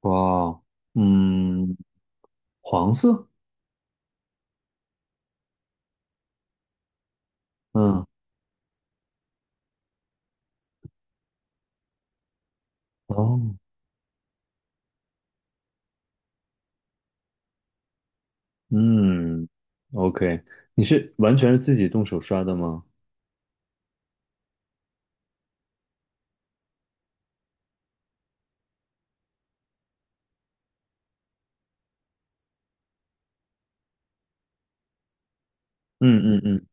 哇，嗯，黄色，嗯，哦，嗯，OK，你是完全是自己动手刷的吗？嗯嗯嗯，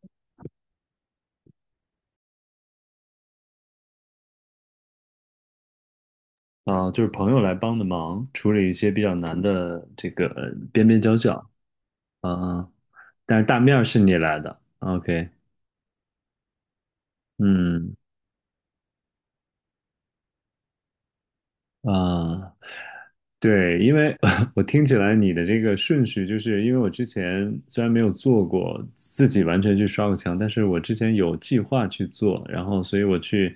啊，就是朋友来帮的忙，处理一些比较难的这个边边角角。啊，啊，但是大面儿是你来的，OK。嗯，啊。对，因为 我听起来你的这个顺序，就是因为我之前虽然没有做过自己完全去刷过墙，但是我之前有计划去做，然后所以我去，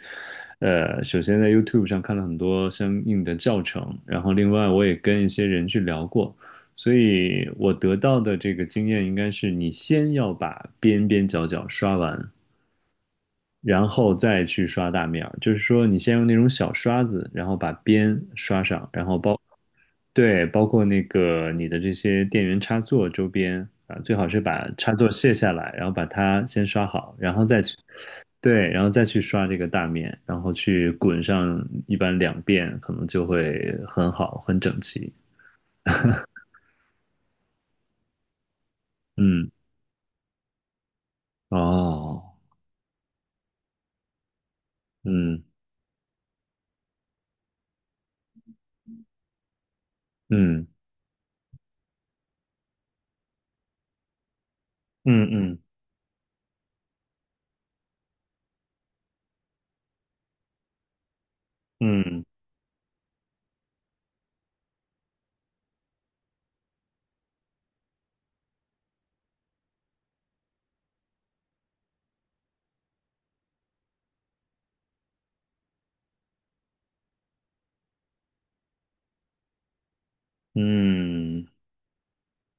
首先在 YouTube 上看了很多相应的教程。然后另外我也跟一些人去聊过，所以我得到的这个经验应该是，你先要把边边角角刷完，然后再去刷大面儿，就是说你先用那种小刷子，然后把边刷上，然后包。对，包括那个你的这些电源插座周边啊，最好是把插座卸下来，然后把它先刷好，然后再去，对，然后再去刷这个大面，然后去滚上一般2遍，可能就会很好，很整齐。嗯，哦，嗯嗯嗯嗯嗯嗯，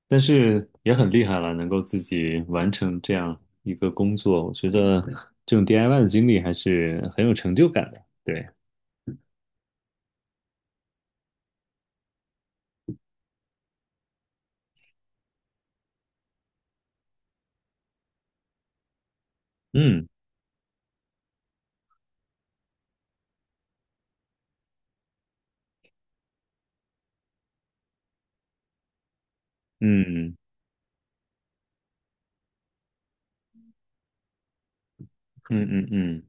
但是也很厉害了，能够自己完成这样一个工作。我觉得这种 DIY 的经历还是很有成就感的。对。嗯嗯嗯嗯嗯，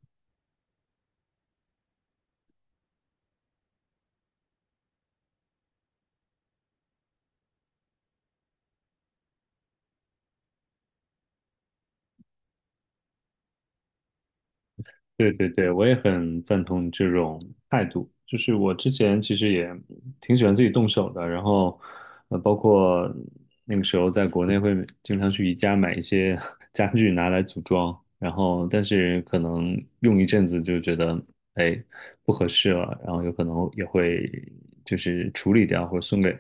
对对对，我也很赞同你这种态度。就是我之前其实也挺喜欢自己动手的，然后包括那个时候在国内会经常去宜家买一些 家具拿来组装。然后但是可能用一阵子就觉得哎不合适了，然后有可能也会就是处理掉或者送给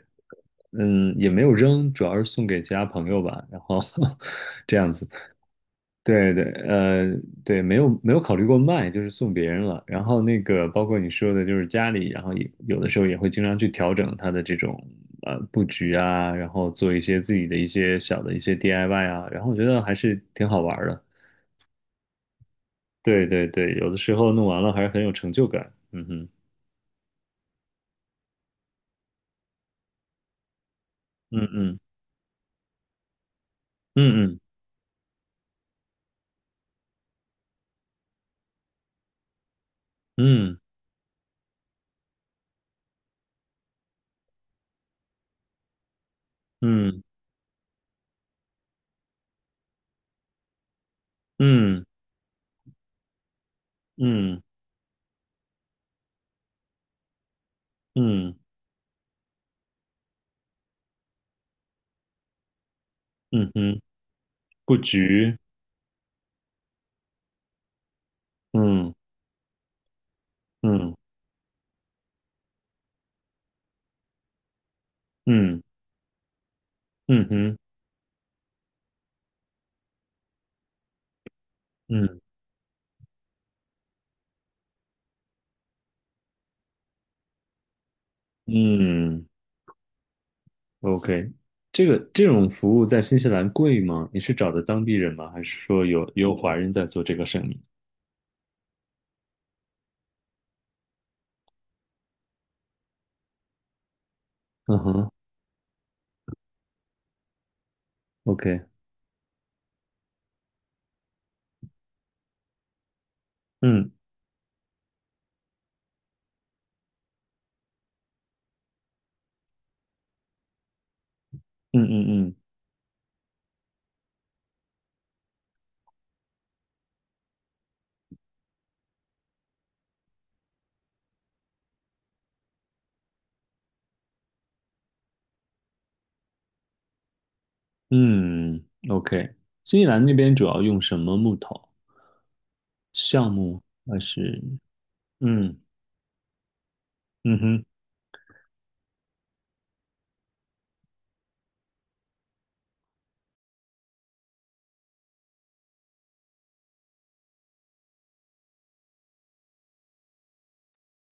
也没有扔，主要是送给其他朋友吧，然后 这样子。对对，对，没有没有考虑过卖，就是送别人了。然后那个包括你说的，就是家里，然后也有的时候也会经常去调整它的这种布局啊，然后做一些自己的一些小的一些 DIY 啊，然后我觉得还是挺好玩儿的。对对对，有的时候弄完了还是很有成就感。嗯哼，嗯嗯嗯嗯嗯嗯嗯嗯嗯哼，嗯布局，嗯嗯嗯嗯哼，嗯嗯。OK，这个这种服务在新西兰贵吗？你是找的当地人吗？还是说有华人在做这个生意？嗯哼，OK，嗯嗯嗯嗯嗯，OK。新西兰那边主要用什么木头？橡木还是？嗯嗯哼，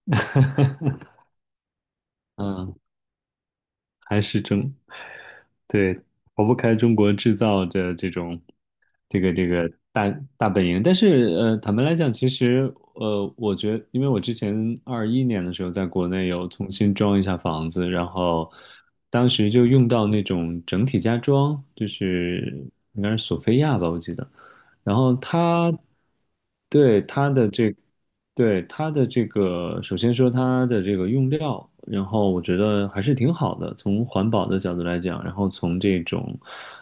嗯还是中，对，逃不开中国制造的这种，这个大本营。但是，坦白来讲，其实，我觉得因为我之前21年的时候在国内有重新装一下房子，然后当时就用到那种整体家装，就是应该是索菲亚吧，我记得。然后它对它的这对，它的这个，首先说它的这个用料，然后我觉得还是挺好的，从环保的角度来讲，然后从这种，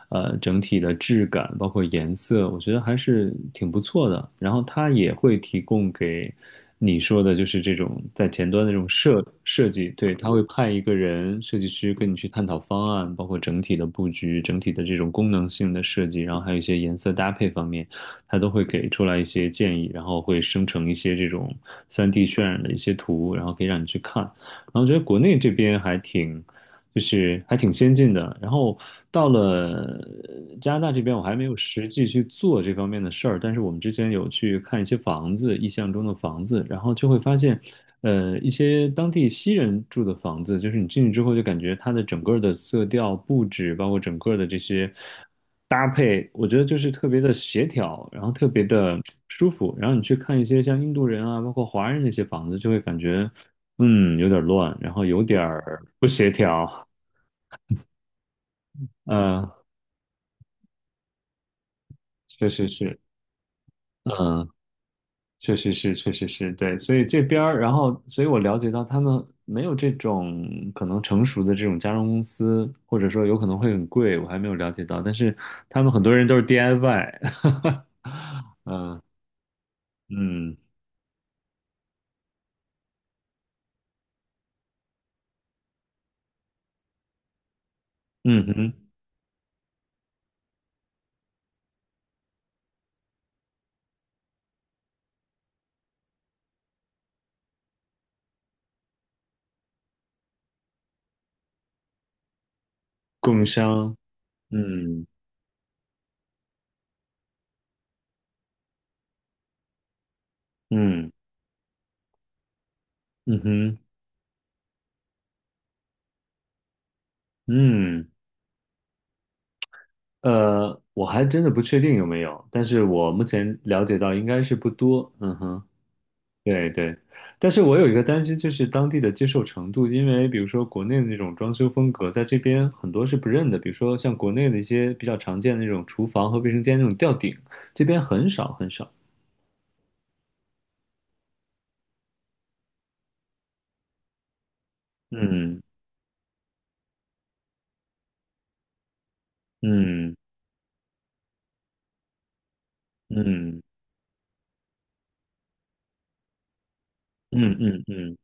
整体的质感，包括颜色，我觉得还是挺不错的。然后它也会提供给你说的，就是这种在前端的这种设计，对，他会派一个人设计师跟你去探讨方案，包括整体的布局、整体的这种功能性的设计，然后还有一些颜色搭配方面。它都会给出来一些建议，然后会生成一些这种3D 渲染的一些图，然后可以让你去看。然后我觉得国内这边还挺就是还挺先进的。然后到了加拿大这边，我还没有实际去做这方面的事儿，但是我们之前有去看一些房子，意象中的房子，然后就会发现，一些当地西人住的房子，就是你进去之后就感觉它的整个的色调、布置，包括整个的这些，搭配，我觉得就是特别的协调，然后特别的舒服。然后你去看一些像印度人啊，包括华人那些房子，就会感觉，嗯，有点乱，然后有点儿不协调。嗯，确实是，嗯，确实是，确实是，对，所以这边儿，然后，所以我了解到他们没有这种可能成熟的这种家装公司，或者说有可能会很贵，我还没有了解到，但是他们很多人都是 DIY，嗯嗯哼，供应商，嗯嗯嗯哼嗯，我还真的不确定有没有，但是我目前了解到应该是不多，嗯哼。对对，但是我有一个担心，就是当地的接受程度，因为比如说国内的那种装修风格，在这边很多是不认的，比如说像国内的一些比较常见的那种厨房和卫生间那种吊顶，这边很少很少。嗯嗯嗯嗯嗯嗯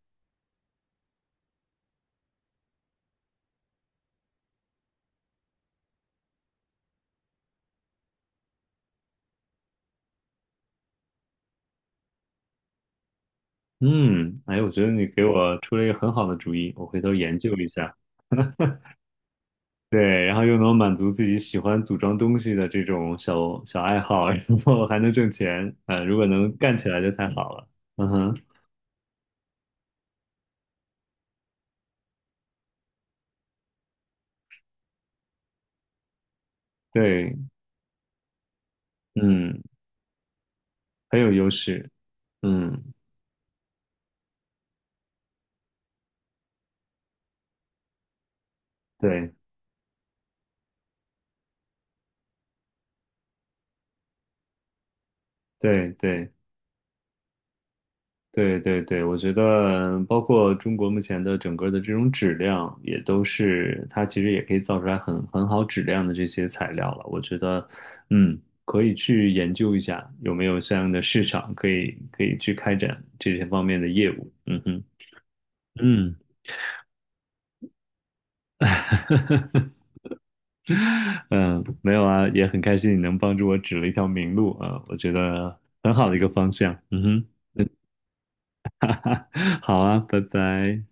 嗯，哎，我觉得你给我出了一个很好的主意，我回头研究一下。对，然后又能满足自己喜欢组装东西的这种小小爱好，然后还能挣钱。啊，如果能干起来就太好了。嗯哼，对，嗯，很有优势。嗯，对，对，对，对，对，对，我觉得包括中国目前的整个的这种质量，也都是它其实也可以造出来很很好质量的这些材料了。我觉得，嗯，可以去研究一下有没有相应的市场，可以去开展这些方面的业务。嗯哼。嗯嗯，没有啊，也很开心你能帮助我指了一条明路啊，我觉得很好的一个方向。嗯哼，好啊，拜拜。